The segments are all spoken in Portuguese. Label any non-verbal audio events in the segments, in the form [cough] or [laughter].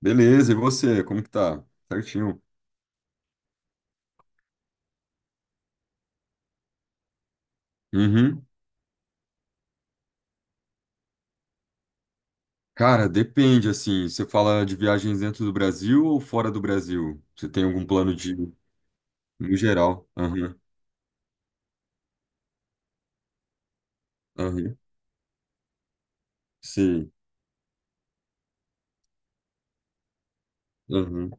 Beleza, e você, como que tá? Certinho. Uhum. Cara, depende, assim, você fala de viagens dentro do Brasil ou fora do Brasil? Você tem algum plano de, no geral? Aham, aham, sim, aham.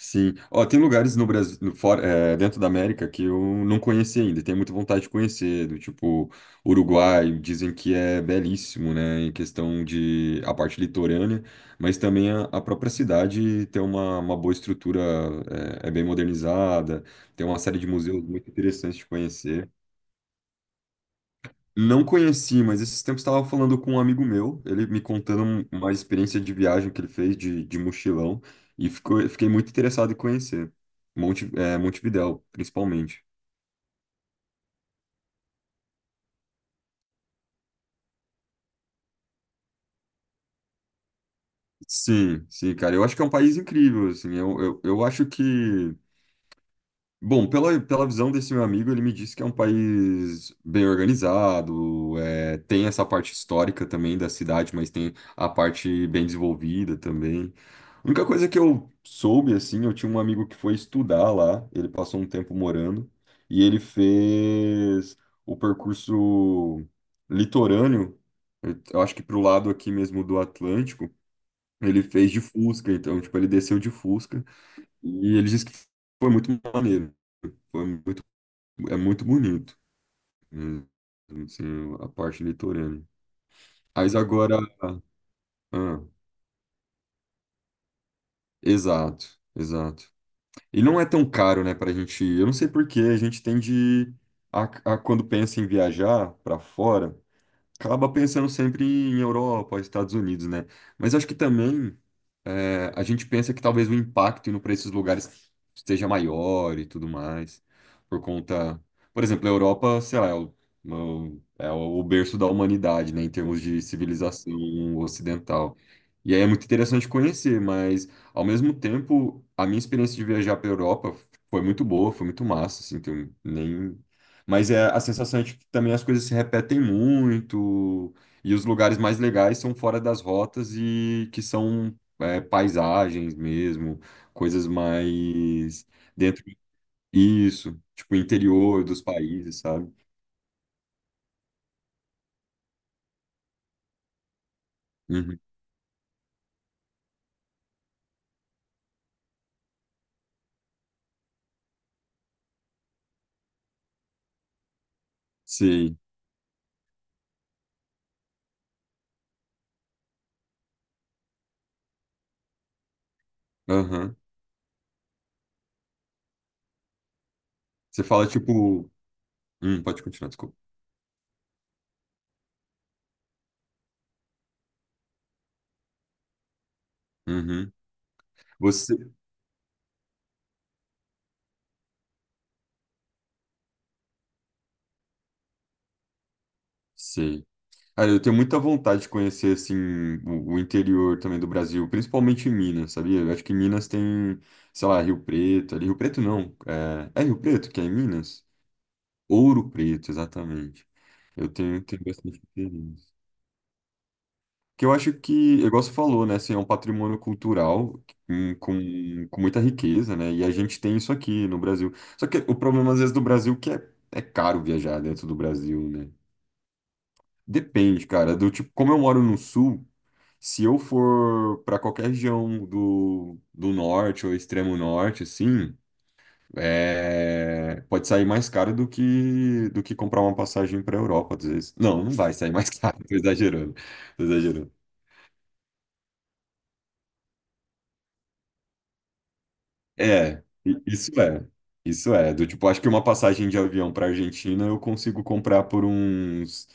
Sim. Ó, tem lugares no Brasil, no fora, dentro da América que eu não conheci ainda, e tenho muita vontade de conhecer, do tipo Uruguai, dizem que é belíssimo, né, em questão de a parte litorânea, mas também a própria cidade tem uma boa estrutura, é bem modernizada, tem uma série de museus muito interessantes de conhecer. Não conheci, mas esses tempos estava falando com um amigo meu, ele me contando uma experiência de viagem que ele fez de mochilão, e fiquei muito interessado em conhecer. Montevidéu, principalmente. Sim, sim, cara. Eu acho que é um país incrível, assim. Eu acho que bom, pela visão desse meu amigo, ele me disse que é um país bem organizado, tem essa parte histórica também da cidade, mas tem a parte bem desenvolvida também. A única coisa que eu soube, assim, eu tinha um amigo que foi estudar lá, ele passou um tempo morando, e ele fez o percurso litorâneo, eu acho que pro lado aqui mesmo do Atlântico, ele fez de Fusca, então, tipo, ele desceu de Fusca. E ele disse que foi muito maneiro. Foi muito, É muito bonito, né? Assim, a parte litorânea. Mas agora. ah, exato, exato. E não é tão caro, né, pra gente ir. Eu não sei por que a gente tende a, a quando pensa em viajar pra fora, acaba pensando sempre em Europa, Estados Unidos, né? Mas acho que também a gente pensa que talvez o impacto indo para esses lugares seja maior e tudo mais, por conta, por exemplo, a Europa, sei lá, é o berço da humanidade, né, em termos de civilização ocidental. E aí é muito interessante conhecer, mas ao mesmo tempo, a minha experiência de viajar para a Europa foi muito boa, foi muito massa, assim, tem nem. Mas a sensação é de que também as coisas se repetem muito, e os lugares mais legais são fora das rotas e que são paisagens mesmo, coisas mais dentro isso tipo interior dos países, sabe? Uhum. Sim. Aham. Você fala tipo. Pode continuar, desculpa. Uhum. Você. Sim. Ah, eu tenho muita vontade de conhecer assim o interior também do Brasil, principalmente em Minas, sabia? Eu acho que em Minas tem, sei lá, Rio Preto, ali Rio Preto não, é Rio Preto que é em Minas? Ouro Preto, exatamente. Eu tenho bastante interesse. Que eu acho que, igual você falou, né, assim, é um patrimônio cultural com muita riqueza, né, e a gente tem isso aqui no Brasil. Só que o problema, às vezes, do Brasil é que é caro viajar dentro do Brasil, né. Depende, cara, do tipo, como eu moro no sul, se eu for para qualquer região do norte ou extremo norte, assim, pode sair mais caro do que comprar uma passagem para Europa, às vezes. Não, não vai sair mais caro, [laughs] tô exagerando, tô exagerando. É, isso é. Isso é. Do tipo, acho que uma passagem de avião para Argentina eu consigo comprar por uns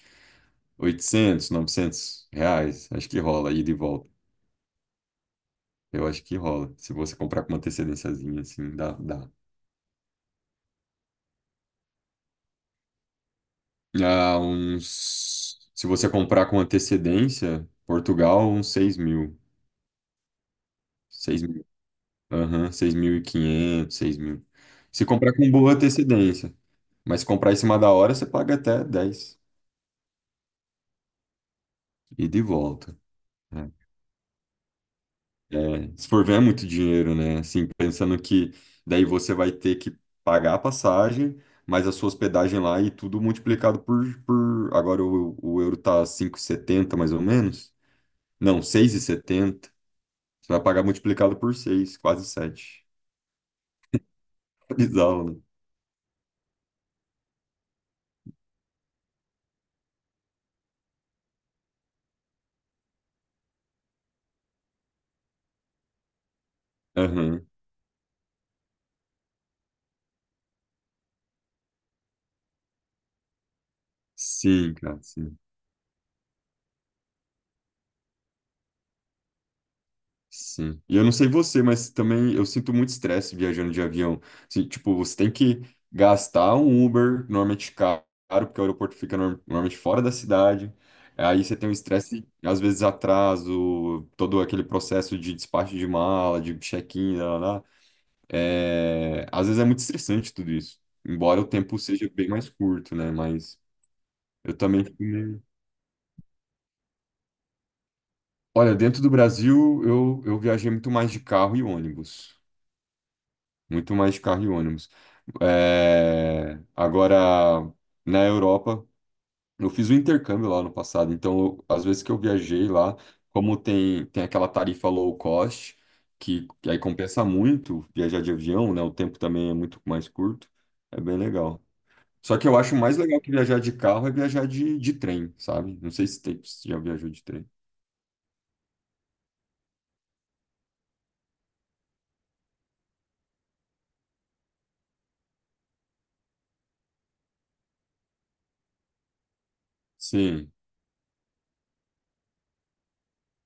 800, 900 reais. Acho que rola, ida e volta. Eu acho que rola. Se você comprar com uma antecedênciazinha, assim, dá, dá. Ah, uns. Se você comprar com antecedência, Portugal, uns 6.000. 6.000. Aham, 6.500, 6.000. Se comprar com boa antecedência. Mas se comprar em cima da hora, você paga até 10. Ida e volta. É. É, se for ver, é muito dinheiro, né? Assim, pensando que daí você vai ter que pagar a passagem, mas a sua hospedagem lá e tudo multiplicado por... Agora o euro tá 5,70 mais ou menos. Não, 6,70. Você vai pagar multiplicado por 6, quase 7. [laughs] Bizarro, né? Aham. Sim, cara, sim. Sim. E eu não sei você, mas também eu sinto muito estresse viajando de avião. Assim, tipo, você tem que gastar um Uber, normalmente caro, porque o aeroporto fica normalmente fora da cidade. Aí você tem um estresse, às vezes atraso, todo aquele processo de despacho de mala, de check-in, lá, lá, lá. É, às vezes é muito estressante tudo isso. Embora o tempo seja bem mais curto, né? Mas eu também fico meio... Olha, dentro do Brasil, eu viajei muito mais de carro e ônibus. Muito mais de carro e ônibus. Agora, na Europa, eu fiz um intercâmbio lá no passado, então, às vezes que eu viajei lá, como tem aquela tarifa low cost, que aí compensa muito viajar de avião, né? O tempo também é muito mais curto, é bem legal. Só que eu acho mais legal que viajar de carro é viajar de trem, sabe? Não sei se já viajou de trem. Sim.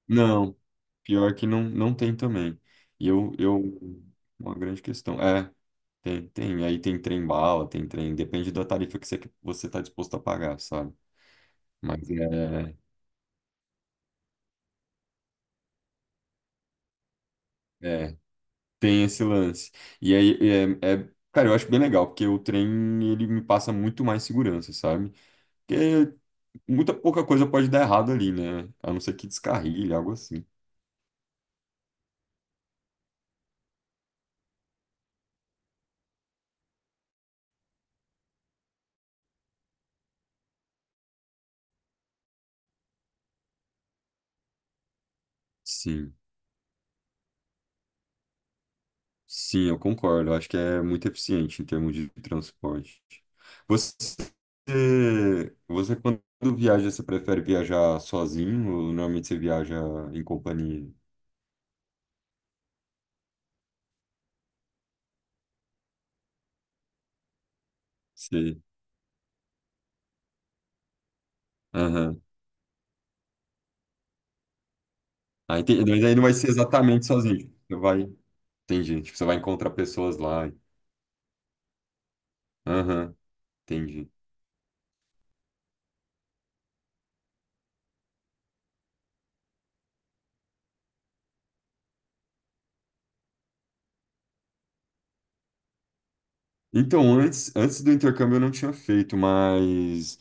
Não, pior que não, não tem também. E eu, eu, uma grande questão. É, aí tem trem bala, tem trem, depende da tarifa que você está disposto a pagar, sabe? Mas é, é, tem esse lance. E aí, cara, eu acho bem legal, porque o trem, ele me passa muito mais segurança, sabe? Porque muita pouca coisa pode dar errado ali, né? A não ser que descarrilhe, algo assim. Sim. Sim, eu concordo. Eu acho que é muito eficiente em termos de transporte. Você, você quando viaja, você prefere viajar sozinho ou normalmente você viaja em companhia? Você... Aham. Ah, entendi. Mas aí não vai ser exatamente sozinho. Tipo, você vai... Entendi. Tipo, você vai encontrar pessoas lá. Aham, entendi. Então, antes do intercâmbio eu não tinha feito, mas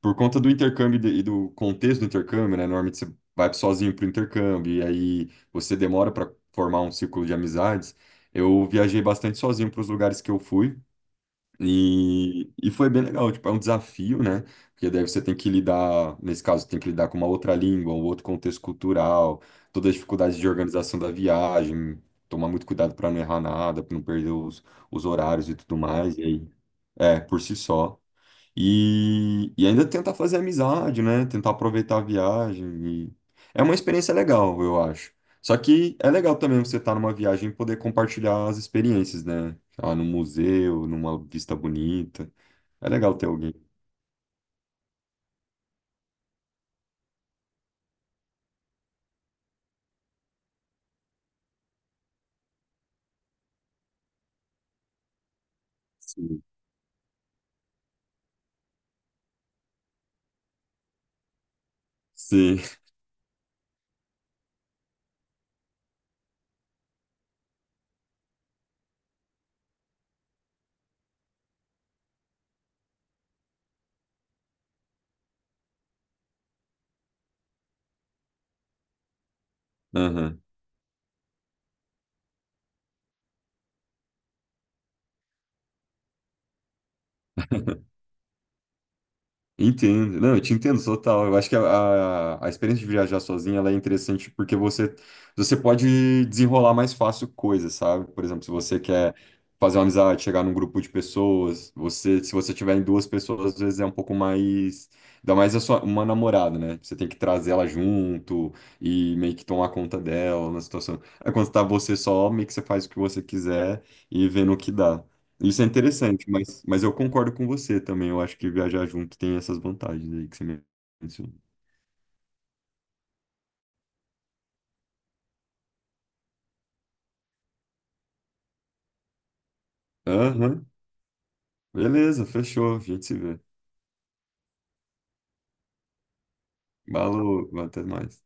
por conta do intercâmbio e do contexto do intercâmbio, né? Normalmente você vai sozinho pro intercâmbio e aí você demora para formar um círculo de amizades. Eu viajei bastante sozinho para os lugares que eu fui e foi bem legal. Tipo, é um desafio, né? Porque daí você tem que lidar, nesse caso, tem que lidar com uma outra língua, um outro contexto cultural, todas as dificuldades de organização da viagem, tomar muito cuidado para não errar nada, para não perder os horários e tudo mais. E aí é, por si só. E ainda tentar fazer amizade, né? Tentar aproveitar a viagem. e- É uma experiência legal, eu acho. Só que é legal também você estar numa viagem e poder compartilhar as experiências, né? Ah, num museu, numa vista bonita. É legal ter alguém. Sim. Sim. [laughs] Aham. Entendo, não, eu te entendo total. Eu acho que a experiência de viajar sozinha ela é interessante porque você pode desenrolar mais fácil coisas, sabe? Por exemplo, se você quer fazer uma amizade, chegar num grupo de pessoas, se você tiver em duas pessoas, às vezes é um pouco mais. Ainda mais uma namorada, né? Você tem que trazer ela junto e meio que tomar conta dela na situação. Aí quando tá você só, meio que você faz o que você quiser e vê no que dá. Isso é interessante, mas, eu concordo com você também. Eu acho que viajar junto tem essas vantagens aí que você mencionou. Aham, beleza, fechou. A gente se vê. Falou, até mais.